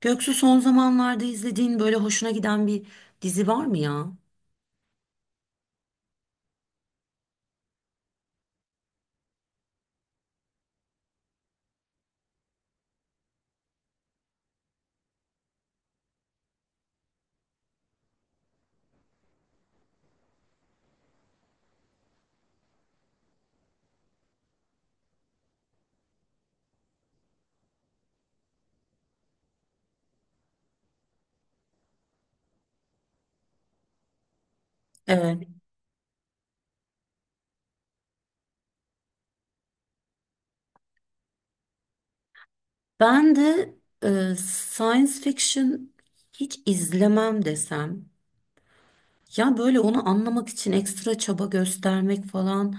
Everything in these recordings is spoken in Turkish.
Göksu, son zamanlarda izlediğin böyle hoşuna giden bir dizi var mı ya? Evet. Ben de science fiction hiç izlemem desem. Ya böyle onu anlamak için ekstra çaba göstermek falan.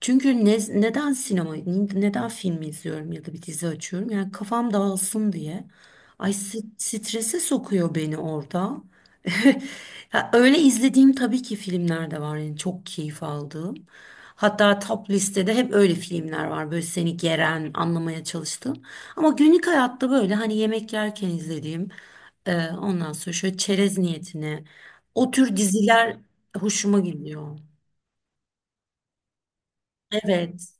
Çünkü neden sinema, neden film izliyorum ya da bir dizi açıyorum? Yani kafam dağılsın diye. Ay strese sokuyor beni orada. Ya öyle izlediğim tabii ki filmler de var. Yani çok keyif aldığım. Hatta top listede hep öyle filmler var. Böyle seni geren, anlamaya çalıştığım. Ama günlük hayatta böyle hani yemek yerken izlediğim, ondan sonra şöyle çerez niyetine o tür diziler hoşuma gidiyor. Evet,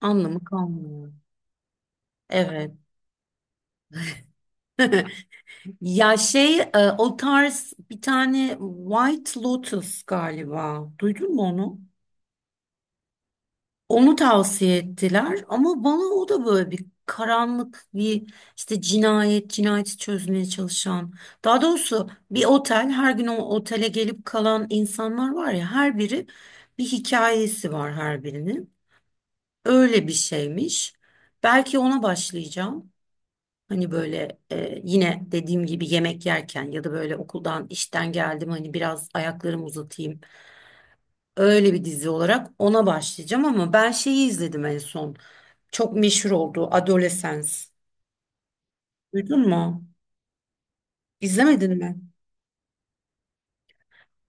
anlamı kalmıyor. Evet. Ya o tarz bir tane White Lotus galiba. Duydun mu onu? Onu tavsiye ettiler ama bana o da böyle bir karanlık bir işte cinayet, cinayeti çözmeye çalışan. Daha doğrusu bir otel her gün o otele gelip kalan insanlar var ya her biri bir hikayesi var her birinin. Öyle bir şeymiş. Belki ona başlayacağım. Hani böyle yine dediğim gibi yemek yerken ya da böyle okuldan işten geldim hani biraz ayaklarımı uzatayım. Öyle bir dizi olarak ona başlayacağım ama ben şeyi izledim en son. Çok meşhur oldu Adolescence. Duydun mu? İzlemedin mi?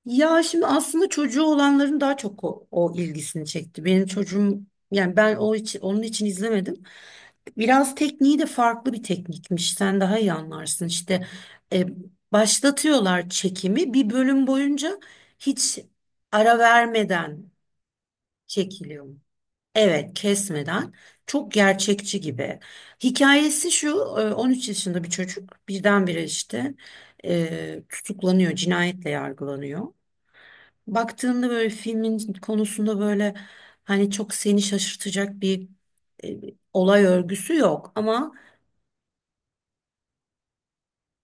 Ya şimdi aslında çocuğu olanların daha çok o ilgisini çekti. Benim çocuğum yani ben o için onun için izlemedim. Biraz tekniği de farklı bir teknikmiş. Sen daha iyi anlarsın. İşte e, başlatıyorlar çekimi bir bölüm boyunca hiç ara vermeden çekiliyor. Evet, kesmeden. Çok gerçekçi gibi. Hikayesi şu, 13 yaşında bir çocuk birdenbire işte tutuklanıyor, cinayetle yargılanıyor. Baktığında böyle filmin konusunda böyle hani çok seni şaşırtacak bir e, olay örgüsü yok ama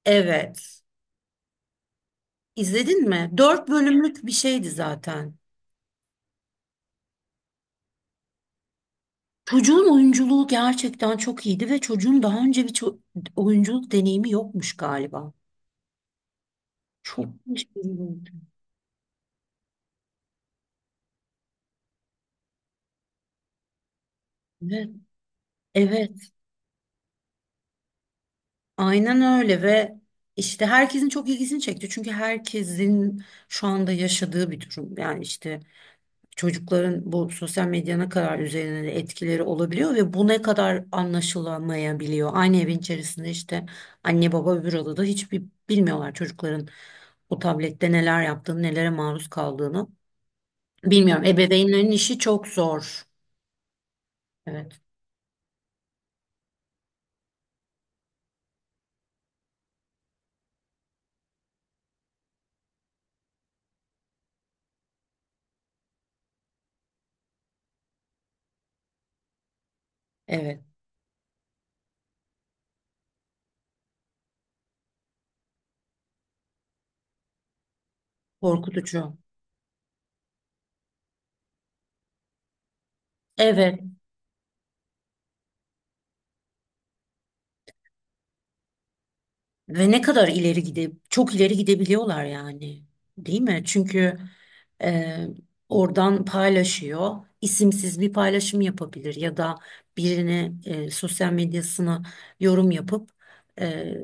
evet izledin mi? Dört bölümlük bir şeydi zaten. Çocuğun oyunculuğu gerçekten çok iyiydi ve çocuğun daha önce bir oyunculuk deneyimi yokmuş galiba. Çok şaşırdım. Evet, evet, aynen öyle ve işte herkesin çok ilgisini çekti. Çünkü herkesin şu anda yaşadığı bir durum. Yani işte çocukların bu sosyal medya ne kadar üzerine de etkileri olabiliyor ve bu ne kadar anlaşılamayabiliyor. Aynı evin içerisinde işte anne baba öbür odada hiçbir bilmiyorlar çocukların o tablette neler yaptığını, nelere maruz kaldığını. Bilmiyorum. Ebeveynlerin işi çok zor. Evet. Evet. Korkutucu. Evet. Ve ne kadar ileri gide, çok ileri gidebiliyorlar yani, değil mi? Çünkü e, oradan paylaşıyor, isimsiz bir paylaşım yapabilir ya da birine sosyal medyasına yorum yapıp e,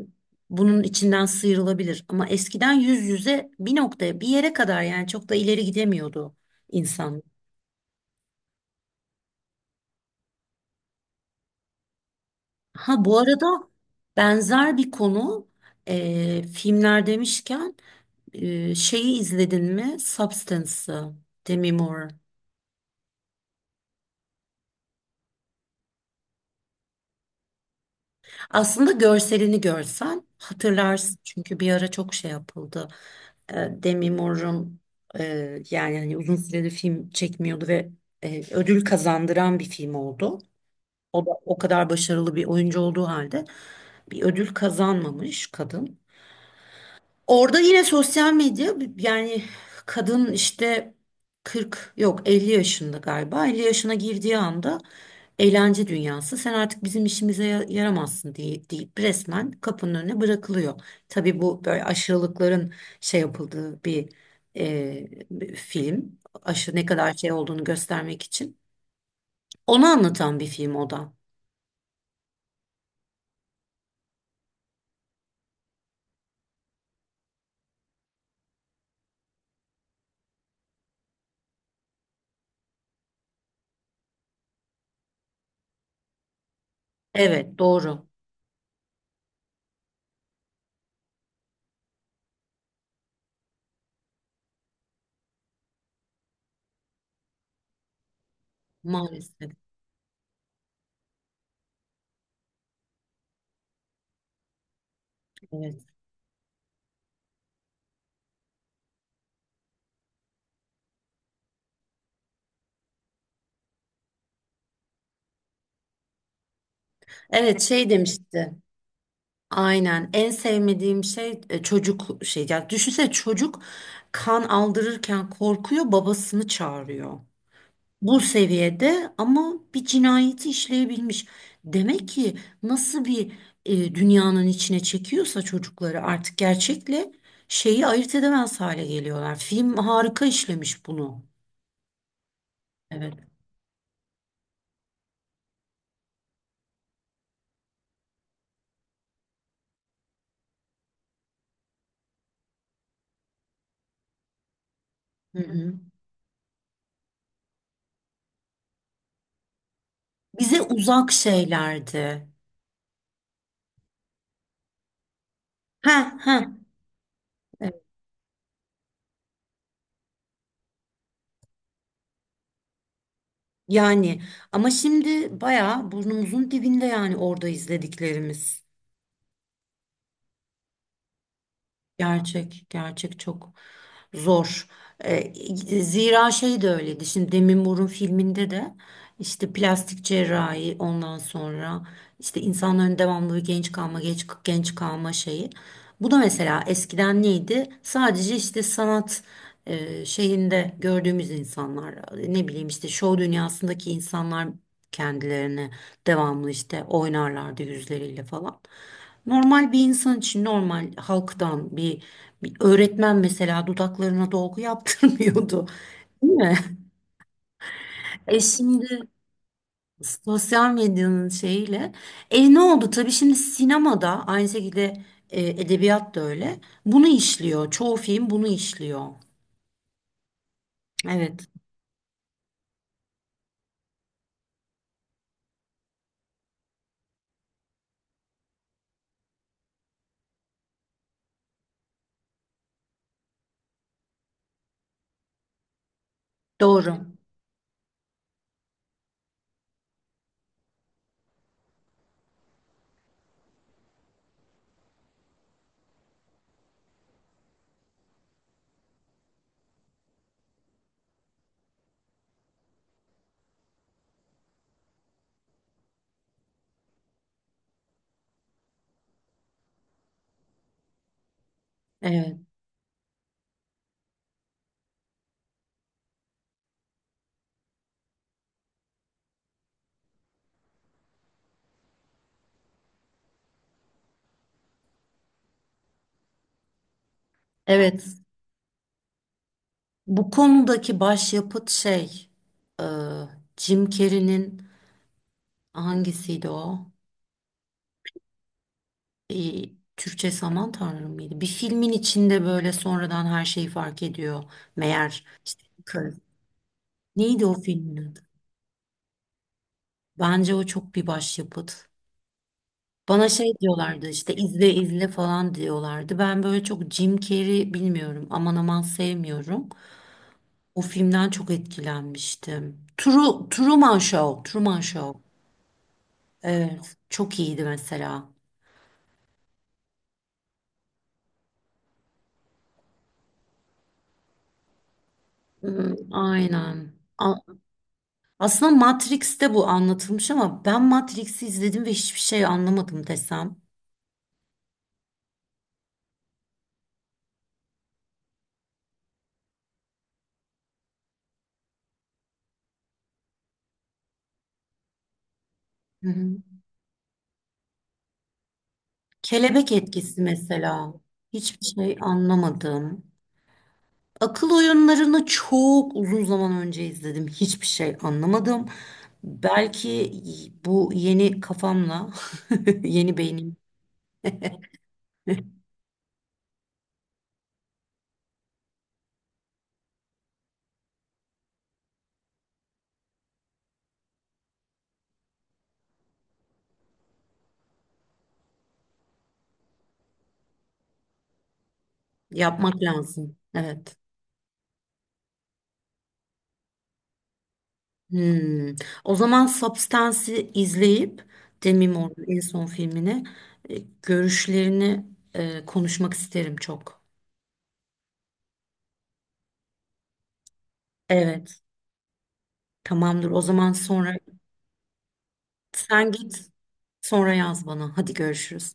bunun içinden sıyrılabilir. Ama eskiden yüz yüze bir noktaya, bir yere kadar yani çok da ileri gidemiyordu insan. Ha bu arada benzer bir konu filmler demişken. Şeyi izledin mi? Substance'ı. Demi Moore. Aslında görselini görsen hatırlarsın. Çünkü bir ara çok şey yapıldı. Demi Moore'un e, yani hani uzun süredir film çekmiyordu ve ödül kazandıran bir film oldu. O da o kadar başarılı bir oyuncu olduğu halde bir ödül kazanmamış kadın. Orada yine sosyal medya yani kadın işte 40 yok 50 yaşında galiba 50 yaşına girdiği anda eğlence dünyası sen artık bizim işimize yaramazsın diye deyip resmen kapının önüne bırakılıyor. Tabii bu böyle aşırılıkların şey yapıldığı bir bir film aşırı ne kadar şey olduğunu göstermek için onu anlatan bir film o da. Evet doğru maalesef evet. Evet şey demişti. Aynen. En sevmediğim şey çocuk şey. Yani düşünsene çocuk kan aldırırken korkuyor, babasını çağırıyor. Bu seviyede ama bir cinayeti işleyebilmiş. Demek ki nasıl bir dünyanın içine çekiyorsa çocukları artık gerçekle şeyi ayırt edemez hale geliyorlar. Film harika işlemiş bunu. Evet. Hı hı. Bize uzak şeylerdi. Ha ha. Yani ama şimdi bayağı burnumuzun dibinde yani orada izlediklerimiz. Gerçek, gerçek çok zor. Ee, Zira şey de öyleydi. Şimdi Demi Moore'un filminde de işte plastik cerrahi ondan sonra işte insanların devamlı bir genç kalma, genç kalma şeyi. Bu da mesela eskiden neydi? Sadece işte sanat şeyinde gördüğümüz insanlar, ne bileyim işte şov dünyasındaki insanlar kendilerini devamlı işte oynarlardı yüzleriyle falan. Normal bir insan için normal halktan bir öğretmen mesela dudaklarına dolgu yaptırmıyordu. Değil mi? E şimdi sosyal medyanın şeyiyle. E ne oldu? Tabii şimdi sinemada aynı şekilde edebiyat da öyle. Bunu işliyor. Çoğu film bunu işliyor. Evet. Doğru. Evet. Evet. Bu konudaki başyapıt e, Jim Carrey'nin hangisiydi o? e, Türkçe Saman Tanrım mıydı? Bir filmin içinde böyle sonradan her şeyi fark ediyor. Meğer işte karı. Neydi o filmin adı? Bence o çok bir başyapıt. Bana şey diyorlardı işte izle falan diyorlardı. Ben böyle çok Jim Carrey bilmiyorum aman aman sevmiyorum. O filmden çok etkilenmiştim. Truman Show, Truman Show. Evet, çok iyiydi mesela. Hmm, aynen. Aslında Matrix'te bu anlatılmış ama ben Matrix'i izledim ve hiçbir şey anlamadım desem. Hı hı. Kelebek etkisi mesela. Hiçbir şey anlamadım. Akıl oyunlarını çok uzun zaman önce izledim. Hiçbir şey anlamadım. Belki bu yeni kafamla, yeni beynim yapmak lazım. Evet. Hmm. O zaman Substance'i izleyip Demi Moore'un en son filmini görüşlerini konuşmak isterim çok. Evet, tamamdır. O zaman sonra sen git sonra yaz bana. Hadi görüşürüz.